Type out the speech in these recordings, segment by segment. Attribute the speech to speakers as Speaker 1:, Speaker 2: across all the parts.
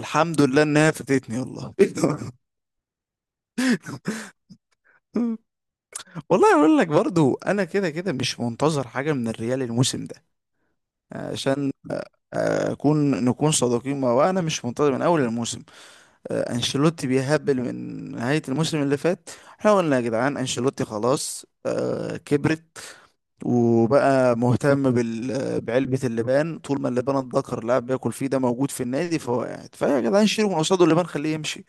Speaker 1: الحمد لله انها فاتتني والله. والله اقول لك برضو انا كده كده مش منتظر حاجه من الريال الموسم ده. عشان اكون نكون صادقين مع بعض، انا مش منتظر من اول الموسم. انشيلوتي بيهبل من نهايه الموسم اللي فات. احنا قلنا يا جدعان انشيلوتي خلاص كبرت وبقى مهتم بعلبة اللبان، طول ما اللبان الذكر اللاعب بياكل فيه ده موجود في النادي فهو قاعد، فيا جدعان شيلوا من قصاده اللبان خليه يمشي.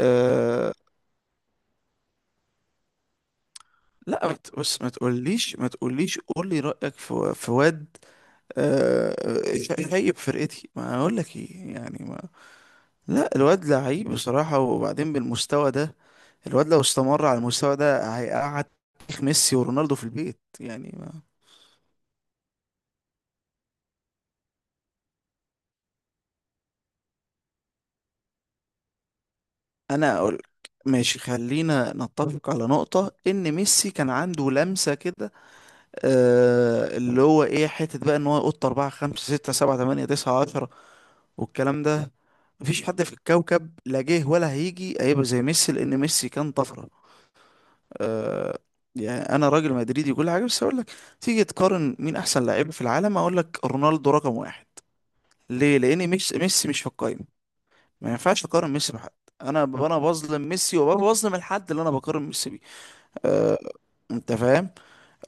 Speaker 1: آه، لا ما ت- بص، ما تقوليش، قول لي رأيك في واد. آه، شايب فرقتي ما اقول لك ايه، يعني ما لا، الواد لعيب بصراحة، وبعدين بالمستوى ده. الواد لو استمر على المستوى ده هيقعد تاريخ ميسي ورونالدو في البيت، يعني ما انا اقول ماشي، خلينا نتفق على نقطة ان ميسي كان عنده لمسة كده، آه، اللي هو ايه، حتة بقى ان هو يقط 4 5 6 7 8 9 10 والكلام ده. مفيش حد في الكوكب لا جه ولا هيجي هيبقى زي ميسي، لان ميسي كان طفره. آه. يعني انا راجل مدريدي وكل حاجه، بس اقول لك، تيجي تقارن مين احسن لعيب في العالم اقول لك رونالدو رقم واحد. ليه؟ لان ميسي، ميسي مش في القايمه. ما ينفعش اقارن ميسي بحد. انا بظلم ميسي وبظلم الحد اللي انا بقارن ميسي بيه. آه. انت فاهم.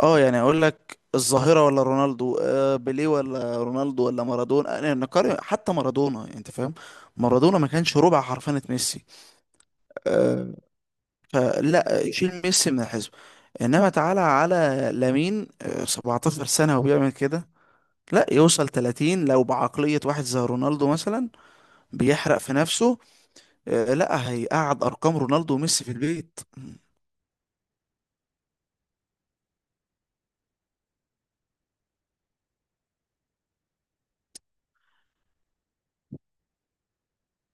Speaker 1: اه يعني اقول لك الظاهرة، ولا رونالدو، آه، بيليه، ولا رونالدو، ولا مارادونا، انا نقارن حتى مارادونا يعني، انت فاهم. مارادونا ما كانش ربع حرفنة ميسي. آه. فلا، شيل ميسي من الحزب. انما تعالى على لامين، آه، 17 سنة وبيعمل كده. لا يوصل 30 لو بعقلية واحد زي رونالدو مثلا بيحرق في نفسه، آه، لا هيقعد ارقام رونالدو وميسي في البيت.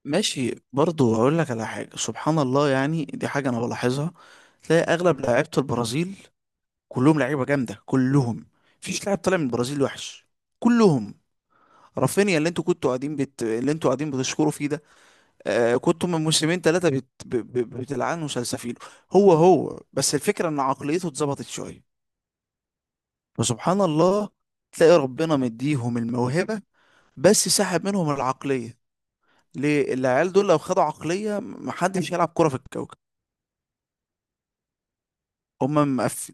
Speaker 1: ماشي برضه هقول لك على حاجة، سبحان الله، يعني دي حاجة أنا بلاحظها. تلاقي أغلب لعيبة البرازيل كلهم لعيبة جامدة كلهم، مفيش لاعب طالع من البرازيل وحش، كلهم. رافينيا اللي انتوا كنتوا قاعدين اللي انتوا قاعدين بتشكروا فيه ده، آه، كنتوا من موسمين ثلاثة بتلعنوا سلسفيله. هو بس الفكرة إن عقليته اتظبطت شوية. فسبحان الله، تلاقي ربنا مديهم الموهبة بس سحب منهم العقلية. ليه؟ العيال دول لو خدوا عقلية محدش يلعب كرة في الكوكب. هما مقف...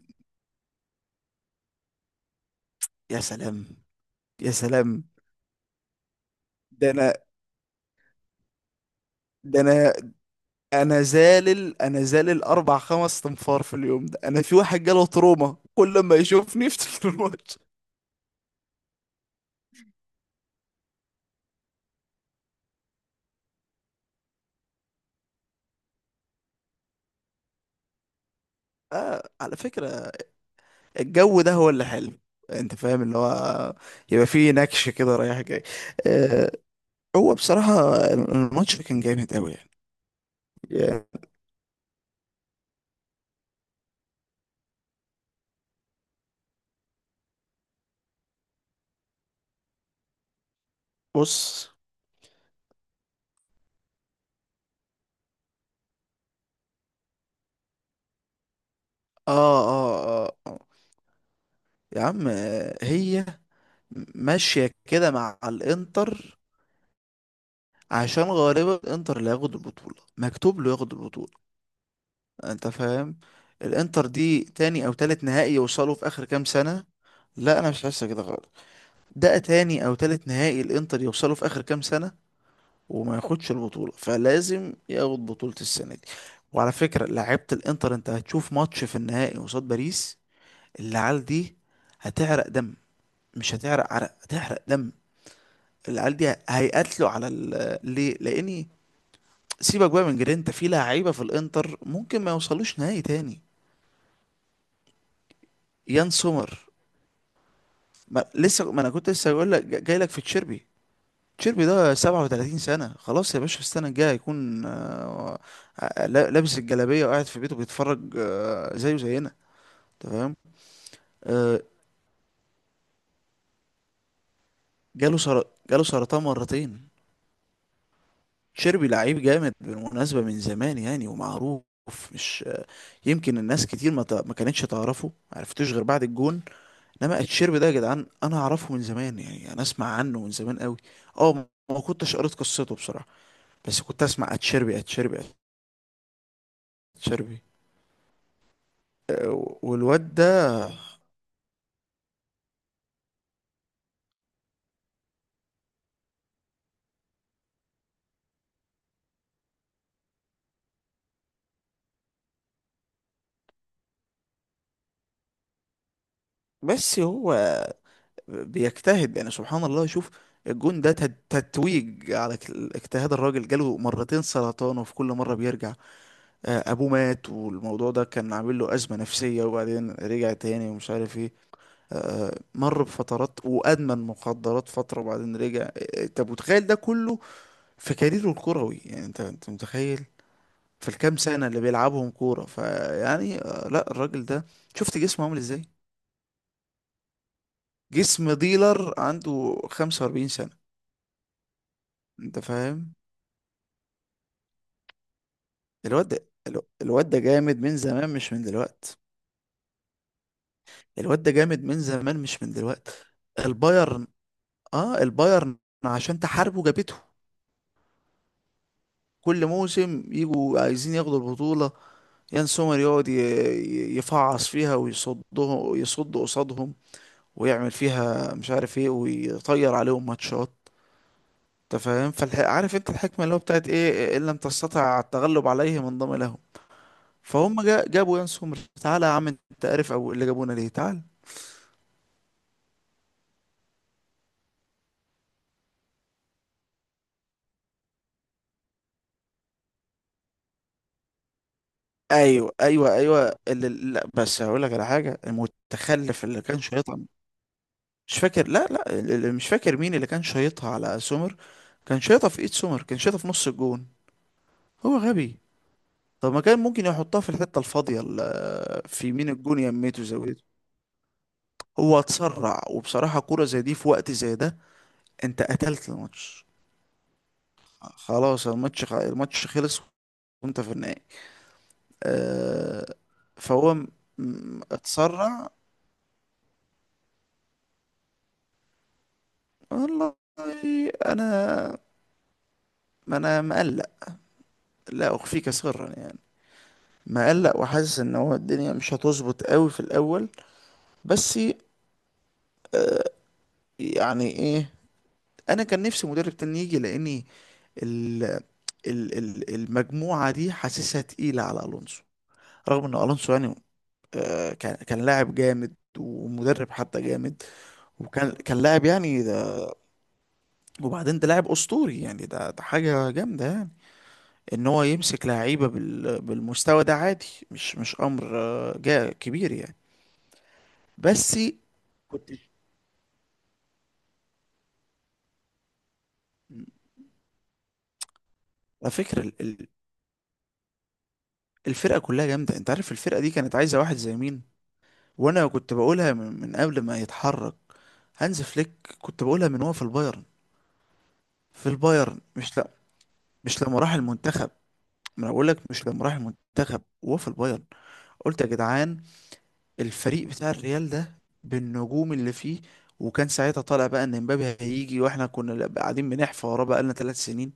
Speaker 1: يا سلام، يا سلام. ده انا ده انا انا زالل، 4 5 تنفار في اليوم، ده انا في واحد جاله تروما كل ما يشوفني يفتكر الماتش. آه، على فكرة، الجو ده هو اللي حلو، انت فاهم، اللي هو يبقى فيه نكش كده رايح جاي. آه. هو بصراحة الماتش كان جامد قوي يعني. يعني بص، اه اه اه آه. يا عم، هي ماشية كده مع الانتر. عشان غالبا الانتر اللي هياخد البطولة مكتوب له ياخد البطولة، انت فاهم. الانتر دي تاني او تالت نهائي يوصلوا في اخر كام سنة. لا انا مش حاسة كده خالص. ده تاني او تالت نهائي الانتر يوصلوا في اخر كام سنة وما ياخدش البطولة، فلازم ياخد بطولة السنة دي. وعلى فكرة لعيبة الانتر، انت هتشوف ماتش في النهائي قصاد باريس، العيال دي هتعرق دم، مش هتعرق عرق هتحرق دم. العيال دي هيقاتلوا على ليه؟ لاني سيبك بقى من جرينتا، في لعيبه في الانتر ممكن ما يوصلوش نهائي تاني. يان سومر. ما لسه، ما انا كنت لسه بقول لك جاي لك في تشيربي. تشيربي ده 37 سنه، خلاص يا باشا، في السنه الجايه هيكون لابس الجلابيه وقاعد في بيته بيتفرج، زيه زينا. تمام. آه، جاله سر... جاله سرطان مرتين. تشيربي لعيب جامد بالمناسبه، من زمان يعني ومعروف، مش يمكن الناس كتير ما كانتش تعرفه، ما عرفتوش غير بعد الجون. انما اتشيرب ده يا جدعان انا اعرفه من زمان يعني، انا اسمع عنه من زمان قوي. اه، ما ما كنتش قريت قصته بصراحه بس كنت اسمع اتشيربي، اتشيربي، اتشيربي. أه، والواد ده، بس هو بيجتهد يعني، سبحان الله. شوف الجون ده تتويج على اجتهاد الراجل. جاله مرتين سرطان وفي كل مرة بيرجع. آه، أبوه مات والموضوع ده كان عامل له أزمة نفسية وبعدين رجع تاني ومش عارف ايه. آه، مر بفترات وأدمن مخدرات فترة وبعدين رجع، طب وتخيل ده كله في كاريره الكروي يعني. انت انت متخيل في الكام سنة اللي بيلعبهم كورة فيعني، لا الراجل ده شفت جسمه عامل ازاي. جسم ديلر عنده 45 سنة، انت فاهم. الواد ده، الواد ده جامد من زمان مش من دلوقت. الواد ده جامد من زمان مش من دلوقت. البايرن. اه البايرن. عشان تحاربه جابته. كل موسم يجوا عايزين ياخدوا البطولة، يان سومر يقعد يفعص فيها ويصده، يصد قصادهم ويعمل فيها مش عارف ايه ويطير عليهم ماتشات. انت فاهم. عارف انت الحكمه اللي هو بتاعت ايه، ان لم تستطع التغلب عليهم انضم لهم. فهم جابوا يان سومر، تعالى يا عم، انت عارف او اللي جابونا ليه، تعال. ايوه، لا بس هقول لك على حاجه، المتخلف اللي كان شيطها، مش فاكر. لا لا اللي مش فاكر مين اللي كان شيطها على سومر. كان شيطها في ايد سومر، كان شيطها في نص الجون. هو غبي. طب ما كان ممكن يحطها في الحته الفاضيه، في يمين الجون يميته زاويه. هو اتسرع، وبصراحة كورة زي دي في وقت زي ده، انت قتلت الماتش. خلاص الماتش الماتش خلص وانت في النهائي. آه. فهو م- اتسرع. والله انا، ما انا مقلق، لا اخفيك سرا يعني، مقلق وحاسس ان هو الدنيا مش هتظبط قوي في الاول، بس يعني ايه. انا كان نفسي مدرب تاني يجي، لاني ال المجموعة دي حاسسها تقيلة على الونسو. رغم ان الونسو يعني، كان كان لاعب جامد ومدرب حتى جامد. وكان كان لاعب يعني ده، وبعدين ده لاعب اسطوري يعني، ده ده حاجه جامده يعني. ان هو يمسك لعيبه بالمستوى ده عادي، مش مش امر، جا كبير يعني. بس كنت، على فكره الفرقه كلها جامده، انت عارف الفرقه دي كانت عايزه واحد زي مين. وانا كنت بقولها من قبل ما يتحرك هانز فليك، كنت بقولها من هو في البايرن. في البايرن، مش لا مش لما راح المنتخب، ما انا بقول لك مش لما راح المنتخب وهو في البايرن. قلت يا جدعان الفريق بتاع الريال ده، بالنجوم اللي فيه، وكان ساعتها طالع بقى ان امبابي هيجي، واحنا كنا قاعدين بنحفى وراه بقالنا 3 سنين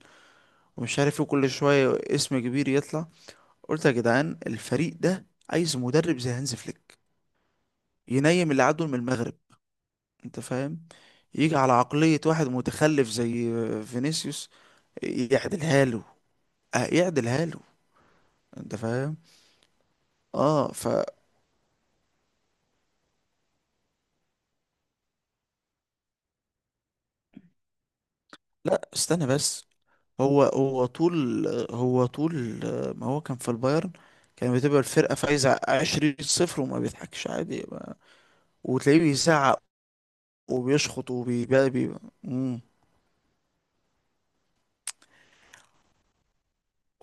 Speaker 1: ومش عارف ايه، كل شويه اسم كبير يطلع، قلت يا جدعان الفريق ده عايز مدرب زي هانز فليك، ينيم اللي عدوا من المغرب، انت فاهم. يجي على عقلية واحد متخلف زي فينيسيوس يعدلها له. اه يعدلها له، انت فاهم. اه فلا، استنى بس. هو هو طول طول ما هو كان في البايرن، كان بتبقى الفرقة فايزة 20-0 وما بيضحكش عادي بقى. وتلاقيه بيزعق وبيشخط مم.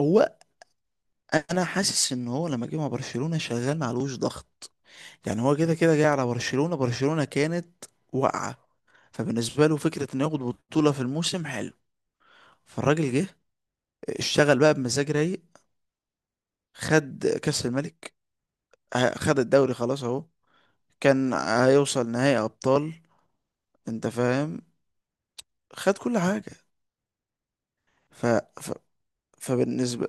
Speaker 1: هو، انا حاسس ان هو لما جه مع برشلونة شغال معلوش ضغط، يعني هو كده كده جاي على برشلونة، برشلونة كانت واقعة، فبالنسبة له فكرة انه ياخد بطولة في الموسم حلو. فالراجل جه اشتغل بقى بمزاج رايق، خد كأس الملك، خد الدوري، خلاص اهو، كان هيوصل نهائي ابطال، انت فاهم، خد كل حاجة. ف... ف... فبالنسبة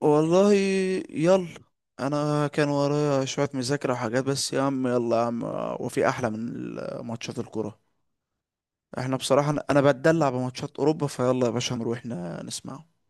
Speaker 1: والله يلا، انا كان ورايا شوية مذاكرة وحاجات، بس يا عم يلا يا عم، وفي احلى من ماتشات الكرة؟ احنا بصراحة أنا بتدلع بماتشات اوروبا، فيلا يا باشا نروح نسمعه.